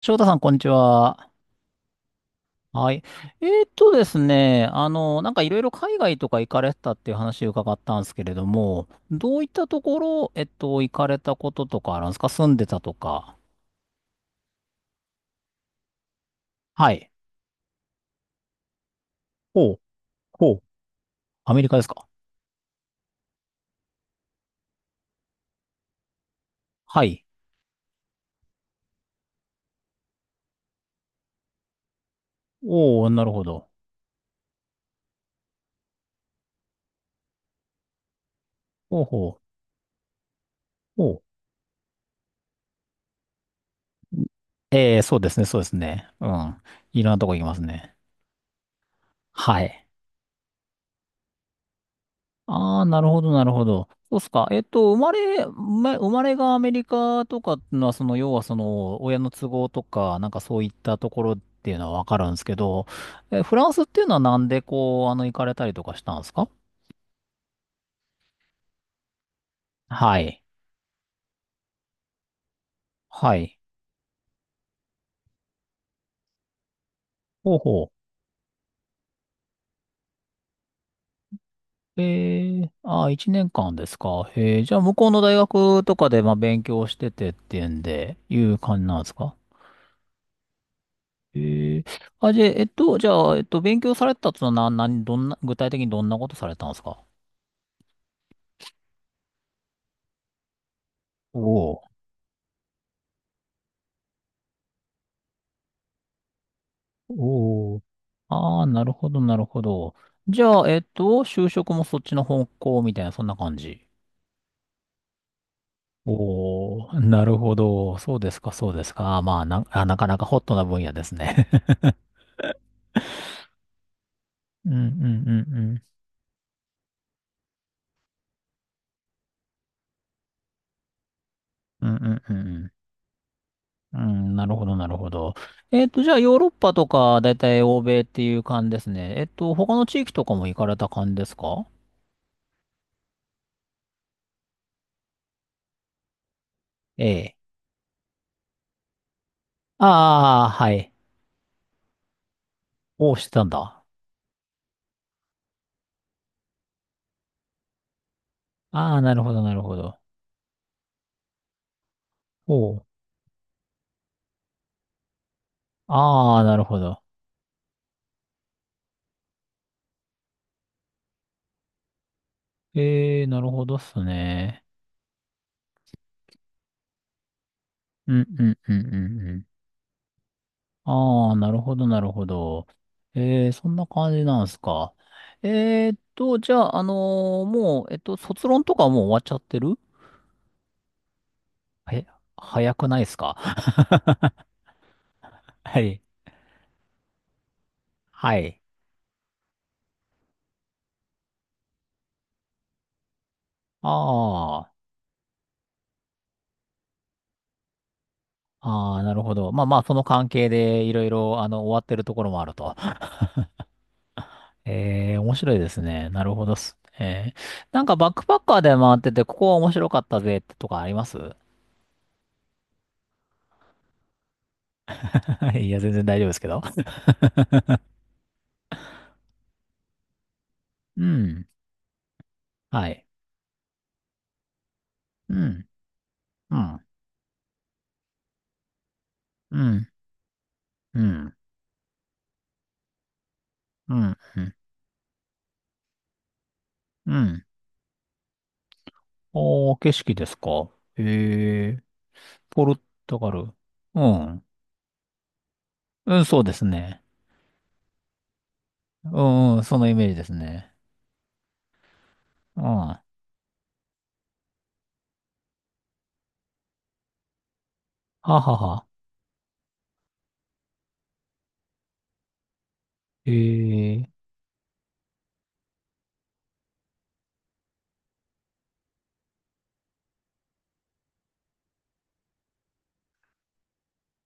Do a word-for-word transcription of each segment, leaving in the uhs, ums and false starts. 翔太さん、こんにちは。はい。えーっとですね、あの、なんかいろいろ海外とか行かれてたっていう話を伺ったんですけれども、どういったところ、えっと、行かれたこととかあるんですか、住んでたとか。はい。ほう、ほう。アメリカですか？はい。おー、なるほど。ほうほう。ほう。えー、そうですね、そうですね。うん。いろんなとこ行きますね。はい。ああ、なるほど、なるほど。そうっすか。えっと、生まれ、ま生まれがアメリカとかっていうのは、その、要はその、親の都合とか、なんかそういったところっていうのはわかるんですけど、え、フランスっていうのはなんでこう、あの、行かれたりとかしたんですか？はい。はい。ほうほう。ええ、ああ、一年間ですか。ええ、じゃあ、向こうの大学とかで、まあ、勉強しててっていうんで、いう感じなんですか？ええ、あ、じゃあ、えっと、じゃあ、えっと、勉強されてたと、な、な、何どんな、具体的にどんなことされたんですか？おお、おお、ああー、なるほど、なるほど。じゃあ、えっと、就職もそっちの方向みたいな、そんな感じ。おお、なるほど。そうですか、そうですか。まあ、な、あ、なかなかホットな分野ですね。うん、うん、うん。うん、うん、うん。うん、うん、なるほど、なるほど。えっと、じゃあ、ヨーロッパとか、だいたい欧米っていう感じですね。えっと、他の地域とかも行かれた感じですか？ええ。ああ、はい。おー、してたんだ。ああ、なるほど、なるほど。おう。ああ、なるほど。ええ、なるほどっすね。うん、うん、うん、うん、うん。ああ、なるほど、なるほど。ええ、そんな感じなんすか。えーっと、じゃあ、あのーもう、えっと、卒論とかはもう終わっちゃってる？え、早くないっすか？ はい。はい。ああ、ああ、なるほど。まあまあ、その関係でいろいろ、あの、終わってるところもあると。ええ、面白いですね。なるほどっす。ええ、なんかバックパッカーで回ってて、ここは面白かったぜってとかあります？ いや、全然大丈夫ですけど。うん。はい。うん。うん。うん。うん。うん。うん。うん、おー、景色ですか。ええ、ポルトガル。うん。うん、そうですね。うん、うん、そのイメージですね。うん。はははえ、え、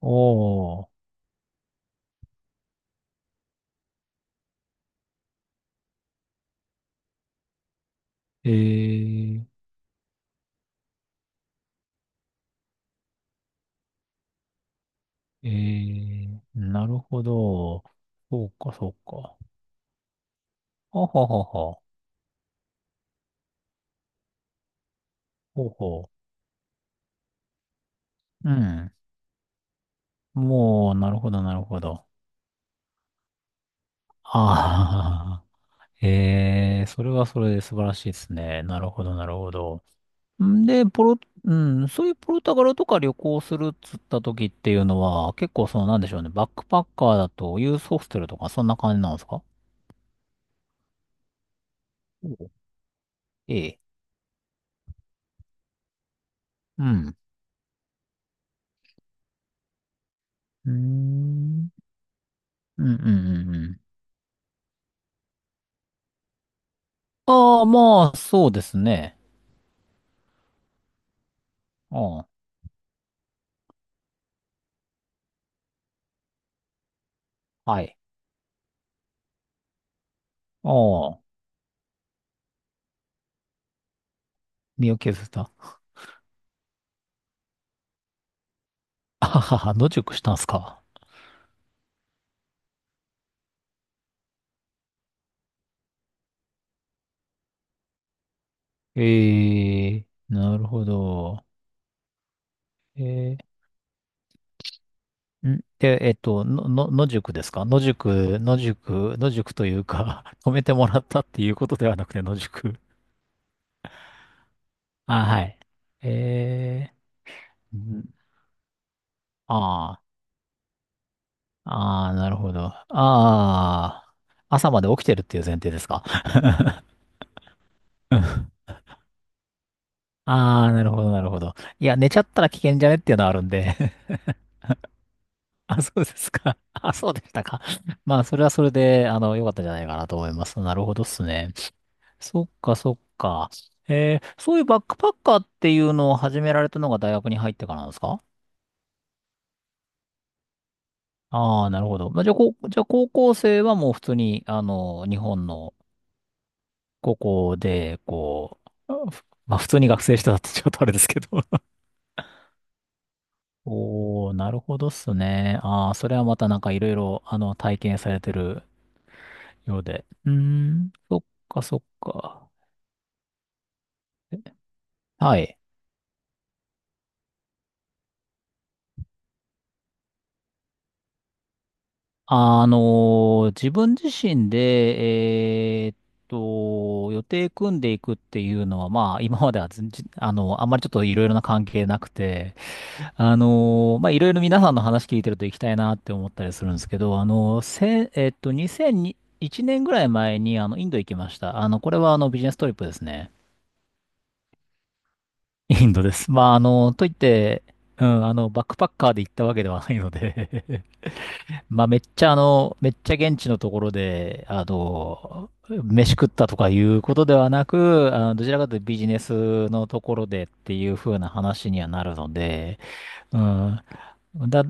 おー、ええ、ええ、なるほど。そうか、そうか。ほほほほ。ほほ。うん。もう、なるほど、なるほど。ああ、ええ、それはそれで素晴らしいですね。なるほど、なるほど。んで、ポロ、うん、そういうポルトガルとか旅行するっつった時っていうのは、結構その、なんでしょうね、バックパッカーだとユースホステルとかそんな感じなんですか？おう、ええ。うん。うーん、うん、うん、うん、うん。ああ、まあ、そうですね。ああ、はい。ああ、身を削った。あはは、野宿したんすか？ええ、なるほど。ええ、んで、えっと、の、の、野宿ですか？野宿、野宿、野宿というか、止めてもらったっていうことではなくて、野宿。あ、はい。ええ、ん、ああ、ああ、なるほど。ああ、朝まで起きてるっていう前提ですか。ああ、なるほど、なるほど。いや、寝ちゃったら危険じゃねっていうのはあるんで。 あ、そうですか。あ、そうでしたか。まあ、それはそれで、あの、良かったんじゃないかなと思います。なるほどっすね。そっか、そっか。えー、そういうバックパッカーっていうのを始められたのが大学に入ってからなんですか？ああー、なるほど。まあ、じゃあ、こう、じゃあ高校生はもう普通に、あの、日本の高校で、こう、あふまあ、普通に学生してたってちょっとあれですけど。おー、なるほどっすね。ああ、それはまたなんかいろいろ、あの、体験されてるようで。うーん、そっか、そっか。はい。あのー自分自身で、えーっと、予定組んでいくっていうのは、まあ、今まではずんじ、あの、あんまりちょっといろいろな関係なくて、あのーまあ、いろいろ皆さんの話聞いてると行きたいなって思ったりするんですけど、あのーせ、えっと、にせんいちねんぐらい前に、あの、インド行きました。あの、これはあの、ビジネストリップですね。インドです。まあ、あの、といって、うん、あの、バックパッカーで行ったわけではないので、 まあ、めっちゃあの、めっちゃ現地のところで、あの、飯食ったとかいうことではなく、あの、どちらかというとビジネスのところでっていう風な話にはなるので、うん、だ、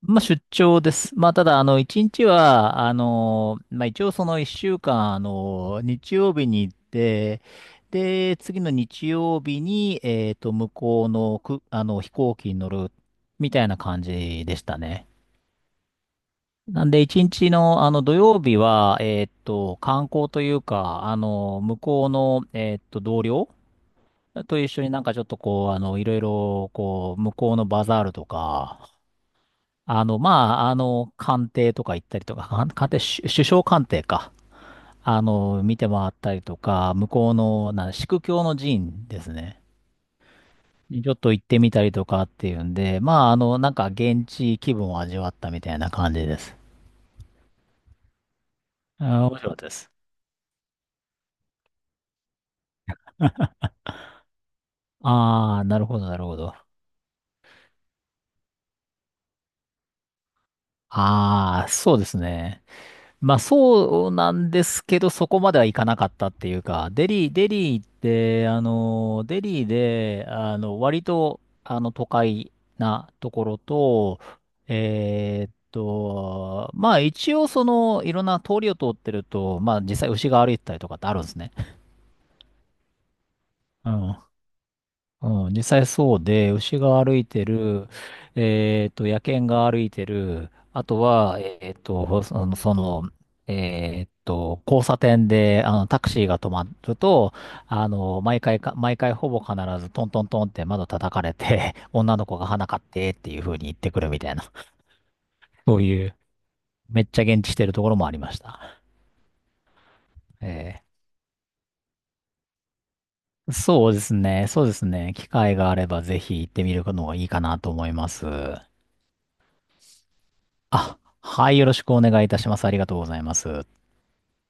まあ、出張です。まあ、ただ、あの、一日は、あの、まあ、一応その一週間、あの、日曜日に行って、で、次の日曜日に、えっと、向こうの、く、あの、飛行機に乗る、みたいな感じでしたね。なんで、一日の、あの、土曜日は、えっと、観光というか、あの、向こうの、えっと、同僚と一緒になんかちょっとこう、あの、いろいろ、こう、向こうのバザールとか、あの、まあ、あの、官邸とか行ったりとか、官官邸、首首相官邸か。あの、見て回ったりとか、向こうの、な、宿教の寺院ですね。にちょっと行ってみたりとかっていうんで、まあ、あの、なんか現地気分を味わったみたいな感じです。あー、面白かったです。ああ、なるほど、なるほど。ああ、そうですね。まあそうなんですけど、そこまではいかなかったっていうか、デリー、デリーって、あの、デリーで、あの、割と、あの、都会なところと、えーっと、まあ一応その、いろんな通りを通ってると、まあ実際牛が歩いてたりとかってあるんですね。うん、うん、実際そうで、牛が歩いてる、えっと、野犬が歩いてる、あとは、えっと、その、そのえっと、交差点で、あの、タクシーが止まると、あの、毎回か、毎回ほぼ必ずトントントンって窓叩かれて、女の子が花買ってっていう風に言ってくるみたいな、そういう、めっちゃ現地してるところもありました。えーそうですね、そうですね、機会があればぜひ行ってみるのがいいかなと思います。あ、はい、よろしくお願いいたします。ありがとうございます。